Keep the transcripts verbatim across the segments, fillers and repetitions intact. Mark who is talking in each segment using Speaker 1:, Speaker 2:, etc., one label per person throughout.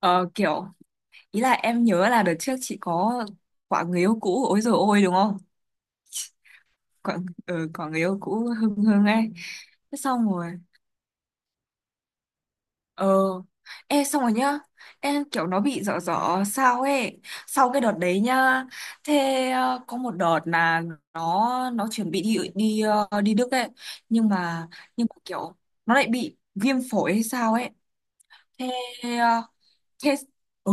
Speaker 1: Ờ, kiểu ý là em nhớ là đợt trước chị có quả người yêu cũ ôi rồi ôi đúng không? Quả, ừ, quả người yêu cũ hưng hưng ấy. Thế xong rồi, ờ ê, xong rồi nhá. Em kiểu nó bị dở dở sao ấy, sau cái đợt đấy nhá. Thế ờ, có một đợt là nó nó chuẩn bị đi đi ờ, đi Đức ấy, nhưng mà nhưng mà kiểu nó lại bị viêm phổi hay sao ấy. Thế ờ, thế ừ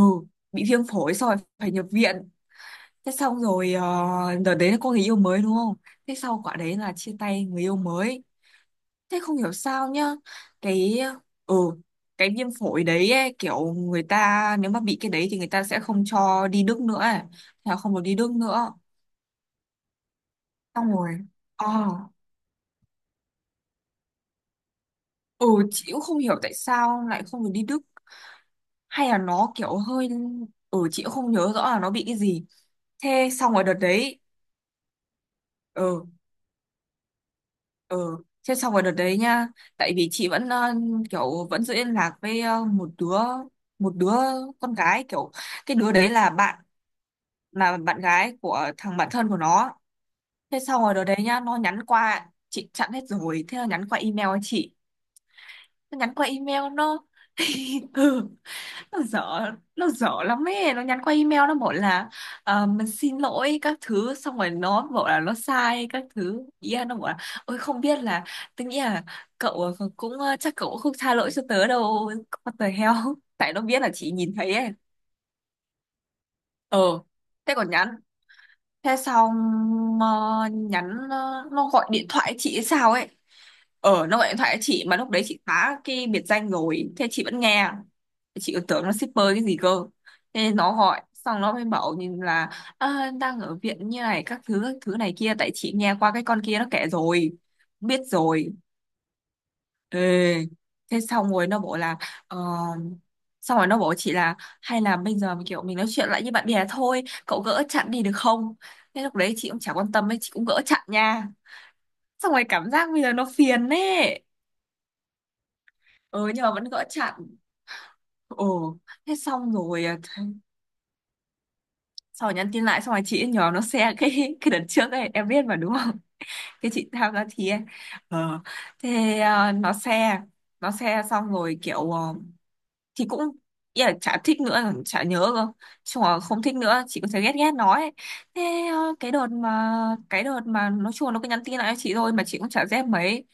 Speaker 1: Bị viêm phổi xong rồi phải nhập viện. Thế xong rồi, ờ, đợt đấy là có người yêu mới đúng không? Thế sau quả đấy là chia tay người yêu mới. Thế không hiểu sao nhá. Cái ừ cái viêm phổi đấy ấy, kiểu người ta nếu mà bị cái đấy thì người ta sẽ không cho đi Đức nữa ấy. Thế là không được đi Đức nữa. Xong rồi. Ờ ừ chị cũng không hiểu tại sao lại không được đi Đức, hay là nó kiểu hơi... ừ Chị cũng không nhớ rõ là nó bị cái gì. Thế xong rồi đợt đấy. Ừ. Ừ. Thế xong rồi đợt đấy nha, tại vì chị vẫn ờ, kiểu vẫn giữ liên lạc với ờ, một đứa một đứa con gái kiểu, cái đứa đấy là bạn là bạn gái của thằng bạn thân của nó. Thế xong rồi đợt đấy nha, nó nhắn qua, chị chặn hết rồi, thế nó nhắn qua email cho chị. Nó nhắn qua email nó. Ừ. Nó dở nó dở lắm ấy, nó nhắn qua email nó bảo là ờ, "Mình xin lỗi các thứ", xong rồi nó bảo là nó sai các thứ, ý là nó bảo là "Ôi không biết là, tôi nghĩ là cậu cũng ờ, chắc cậu cũng không tha lỗi cho tớ đâu." What the hell. Tại nó biết là chị nhìn thấy ấy. ờ Thế còn nhắn. Thế xong ờ, nhắn ờ, Nó gọi điện thoại chị hay sao ấy. Ờ nó gọi điện thoại cho chị mà lúc đấy chị phá cái biệt danh rồi, thế chị vẫn nghe. Chị còn tưởng nó shipper cái gì cơ. Thế nó gọi xong nó mới bảo nhìn là "À, đang ở viện như này các thứ các thứ này kia." Tại chị nghe qua cái con kia nó kể rồi, biết rồi. Ê, thế xong rồi nó bảo là ờ, xong rồi nó bảo chị là "Hay là bây giờ kiểu mình nói chuyện lại như bạn bè thôi, cậu gỡ chặn đi được không?" Thế lúc đấy chị cũng chả quan tâm ấy, chị cũng gỡ chặn nha. Xong rồi cảm giác bây giờ nó phiền ấy. ừ nhưng mà vẫn gỡ chặn. Ồ thế xong rồi à, th- Xong rồi nhắn tin lại, xong rồi chị ấy nhờ nó share cái cái đợt trước ấy, em biết mà đúng không? Cái chị tham gia thi ấy. ờ thế à, nó share. Nó share xong rồi kiểu ờ, thì cũng ý là chả thích nữa, chả nhớ cơ. Chung là không thích nữa, chị cũng thấy ghét ghét nó ấy. thế ờ, cái đợt mà cái đợt mà nó chuồn, nó cứ nhắn tin lại cho chị thôi mà chị cũng chả dép mấy.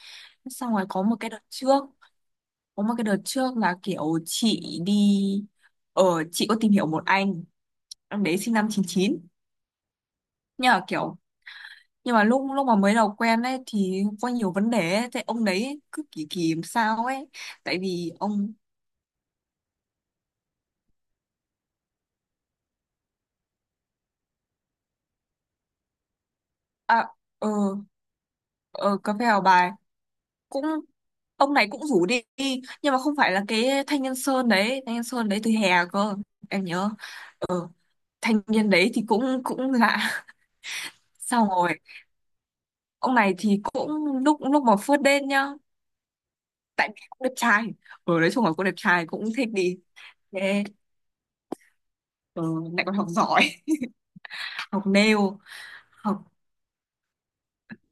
Speaker 1: Xong rồi có một cái đợt trước có một cái đợt trước là kiểu chị đi, ở chị có tìm hiểu một anh em đấy, sinh năm chín chín, nhưng mà kiểu nhưng mà lúc lúc mà mới đầu quen ấy thì có nhiều vấn đề ấy. Thế ông đấy cứ kỳ kỳ làm sao ấy. Tại vì ông à, ờ ờ Cà phê Hào Bài cũng, ông này cũng rủ đi, nhưng mà không phải là cái thanh niên sơn đấy, thanh niên sơn đấy từ hè cơ, em nhớ. Thanh niên đấy thì cũng cũng lạ. Xong rồi ông này thì cũng lúc lúc mà phớt đen nhá, tại vì cũng đẹp trai. Ở đấy chung là cũng đẹp trai, cũng thích đi. thế ừ, Lại còn học giỏi. Học nail học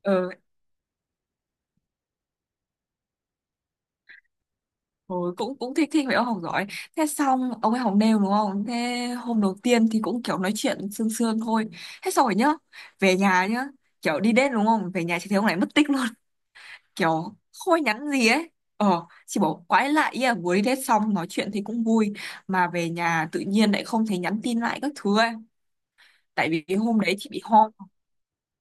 Speaker 1: ờ, Ôi, cũng cũng thích thích vậy ông học giỏi. Thế xong ông ấy học nêu đúng không? Thế hôm đầu tiên thì cũng kiểu nói chuyện sương sương thôi. Thế xong rồi nhá, về nhà nhá, kiểu đi đến đúng không, về nhà chị thấy ông này mất tích luôn. Kiểu không ai nhắn gì ấy. Ờ chị bảo quái lạ ý, à vừa đi đến xong nói chuyện thì cũng vui, mà về nhà tự nhiên lại không thấy nhắn tin lại các thứ ấy. Tại vì hôm đấy chị bị ho.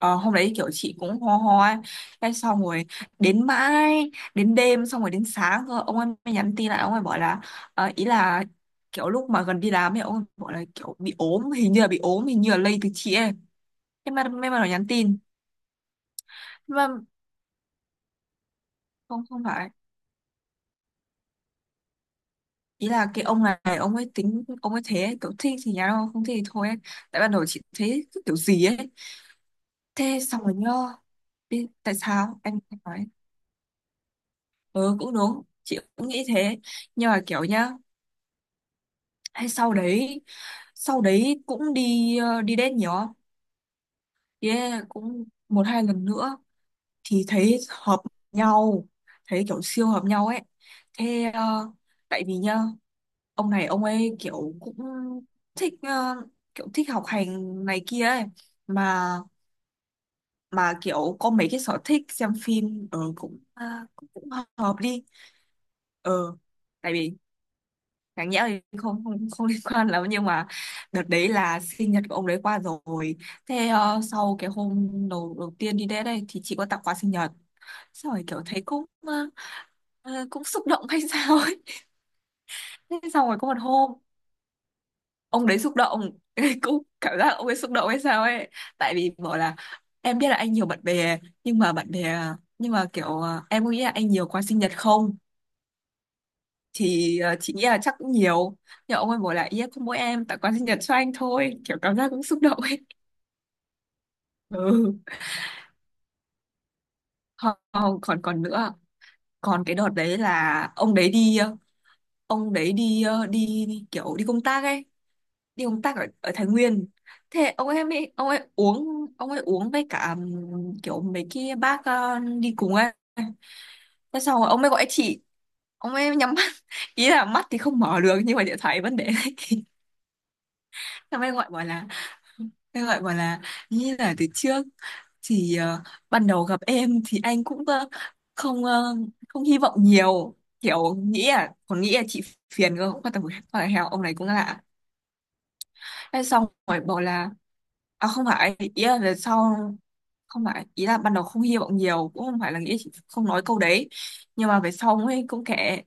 Speaker 1: Ờ, hôm đấy kiểu chị cũng ho ho ấy. Cái xong rồi, đến mãi đến đêm, xong rồi đến sáng cơ ông ấy mới nhắn tin lại, ông ấy bảo là ờ, ý là kiểu lúc mà gần đi làm ấy, ông ấy bảo là kiểu bị ốm, hình như là bị ốm, hình như là lây từ chị ấy. Thế mà may mà nó nhắn tin. Nhưng mà không không phải, ý là cái ông này ông ấy tính ông ấy thế ấy, kiểu thích thì nhắn, không không thích thì thôi ấy. Tại ban đầu chị thấy cứ kiểu gì ấy. Thế xong rồi nhớ. Biết tại sao em em nói, ừ cũng đúng chị cũng nghĩ thế. Nhưng mà kiểu nhá, hay sau đấy, sau đấy cũng đi ờ, đi đến nhiều không? Đi date cũng một hai lần nữa thì thấy hợp nhau, thấy kiểu siêu hợp nhau ấy. thế ờ, Tại vì nhá, ông này ông ấy kiểu cũng thích ờ, kiểu thích học hành này kia ấy, mà mà kiểu có mấy cái sở thích xem phim ở cũng, ờ, cũng cũng hợp đi. ờ Tại vì đáng nhẽ thì không không không liên quan lắm, nhưng mà đợt đấy là sinh nhật của ông đấy qua rồi. Thế ờ, sau cái hôm đầu đầu tiên đi đến đây thì chị có tặng quà sinh nhật, xong rồi kiểu thấy cũng ờ, ờ, cũng xúc động hay sao ấy. Thế xong rồi có một hôm ông đấy xúc động. Cũng cảm giác ông ấy xúc động hay sao ấy. Tại vì bảo là "Em biết là anh nhiều bạn bè nhưng mà bạn bè, nhưng mà kiểu ờ, em có nghĩ là anh nhiều quà sinh nhật không?" Thì ờ, chị nghĩ là chắc cũng nhiều. Nhưng ông ấy bảo là "Yeah, không mỗi em tặng quà sinh nhật cho anh thôi", kiểu cảm giác cũng xúc động ấy. Ừ. Ho- ho- còn còn nữa, còn cái đợt đấy là ông đấy đi ờ, ông đấy đi ờ, đi, đi kiểu đi công tác ấy, đi công tác ở, ở Thái Nguyên. Thế ông em ấy ông ấy uống Ông ấy uống với cả ừm, kiểu mấy cái bác ờ, đi cùng ấy. Thế xong rồi ông ấy gọi chị, ông ấy nhắm mắt. Ý là mắt thì không mở được nhưng mà điện thoại vẫn để đấy. Ông ấy gọi bảo là, Thế gọi bảo là "Như là từ trước thì ờ, ban đầu gặp em thì anh cũng ờ, không ờ, không hy vọng nhiều, kiểu nghĩ, à còn nghĩ là chị phiền cơ, không quan tâm, một con là heo." Ông này cũng lạ. Thế xong rồi bảo là "À không phải ý là về sau, không phải ý là ban đầu không hy vọng nhiều, cũng không phải là nghĩ chị", không nói câu đấy. Nhưng mà về sau mới cũng kệ.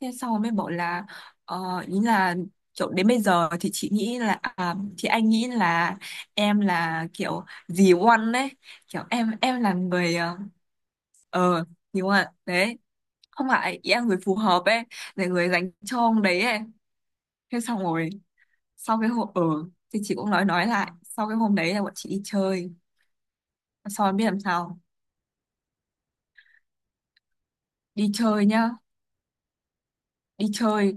Speaker 1: Thế sau mới bảo là ờ, ý là kiểu đến bây giờ thì chị nghĩ là, à thì anh nghĩ là em là kiểu dì One đấy, kiểu em em là người ờ ờ, dì One đấy. Không phải ý là người phù hợp ấy, là người dành cho ông đấy ấy. Thế xong rồi, sau cái hôm ở ừ, thì chị cũng nói nói lại, sau cái hôm đấy là bọn chị đi chơi, sau em biết làm sao. Đi chơi nhá. Đi chơi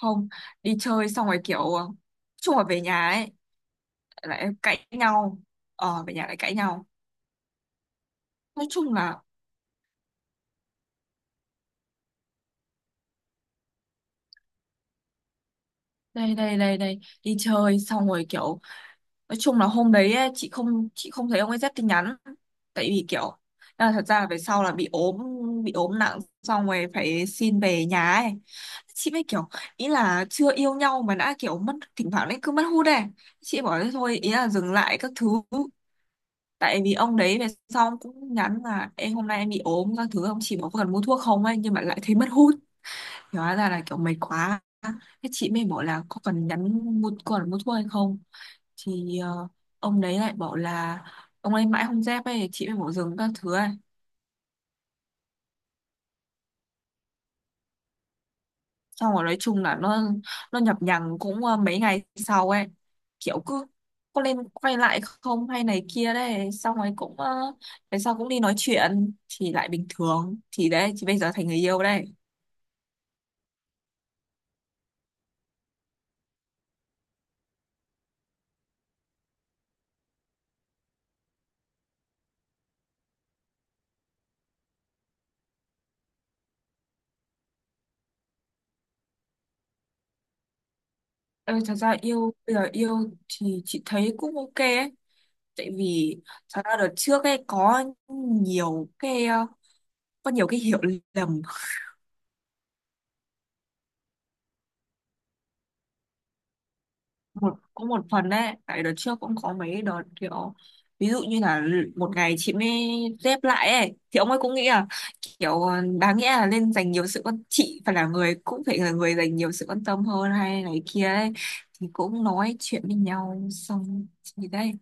Speaker 1: Không, đi chơi xong rồi kiểu nói chung là về nhà ấy, lại cãi nhau. Ờ về nhà lại cãi nhau. Nói chung là, đây đây đây đây đi chơi xong rồi kiểu nói chung là hôm đấy ấy, chị không chị không thấy ông ấy rep tin nhắn. Tại vì kiểu là thật ra là về sau là bị ốm, bị ốm nặng, xong rồi phải xin về nhà ấy. Chị mới kiểu, ý là chưa yêu nhau mà đã kiểu mất, thỉnh thoảng đấy cứ mất hút ấy. Chị bảo thế thôi, ý là dừng lại các thứ. Tại vì ông đấy về sau cũng nhắn là "Em hôm nay em bị ốm các thứ", ông chỉ bảo "có cần mua thuốc không" ấy, nhưng mà lại thấy mất hút. Hóa ra là kiểu mệt quá. Thế chị mới bảo là có cần nhắn mua còn mua thuốc hay không. Thì ờ, ông đấy lại bảo là, ông ấy mãi không dép ấy, chị mới bảo dừng các thứ ấy. Xong rồi nói chung là nó nó nhập nhằng cũng ờ, mấy ngày sau ấy, kiểu cứ có lên quay lại không hay này kia đấy, xong rồi cũng ờ, về sau cũng đi nói chuyện thì lại bình thường, thì đấy chị bây giờ thành người yêu đây. Ê, thật ra yêu, bây giờ yêu thì chị thấy cũng ok ấy. Tại vì thật ra đợt trước ấy có nhiều cái ờ, có nhiều cái hiểu lầm. Một có một phần đấy, tại đợt trước cũng có mấy đợt kiểu ví dụ như là một ngày chị mới dép lại ấy thì ông ấy cũng nghĩ là kiểu đáng nghĩa là nên dành nhiều sự quan, chị phải là người cũng phải là người dành nhiều sự quan tâm hơn hay này kia ấy, thì cũng nói chuyện với nhau xong thì đây.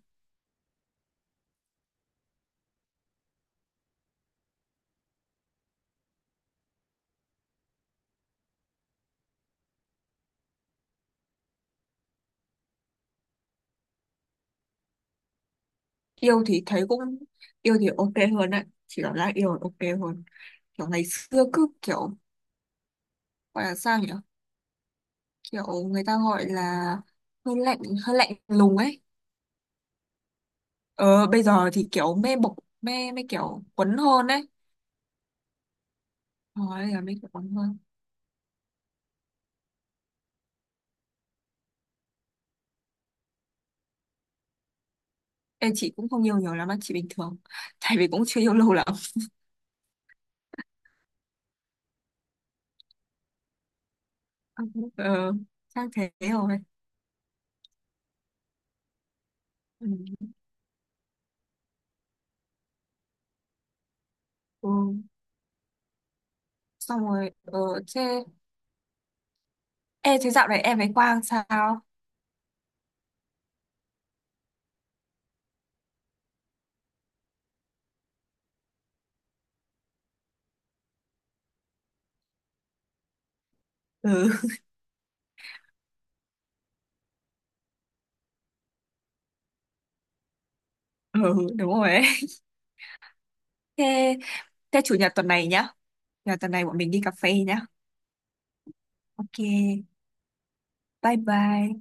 Speaker 1: yêu thì thấy cũng Yêu thì ok hơn đấy, chị cảm giác yêu là ok hơn, kiểu ngày xưa cứ kiểu gọi là sao nhỉ, kiểu người ta gọi là hơi lạnh, hơi lạnh lùng ấy. Ờ, bây giờ thì kiểu mê bộc, mê mê kiểu quấn hơn đấy. Thôi bây giờ mê kiểu quấn hơn. Em chị cũng không yêu nhiều lắm, á, chị bình thường. Tại vì cũng chưa yêu lâu lắm. Ờ, chắc thế rồi. Ừ. Ừ. Xong rồi, ờ, thế... Ê, thế dạo này em với Quang sao? Ừ. Ừ, đúng rồi ấy. Thế, thế chủ nhật tuần này nhá. Chủ Nhật tuần này bọn mình đi cà phê nhá. Ok, bye bye.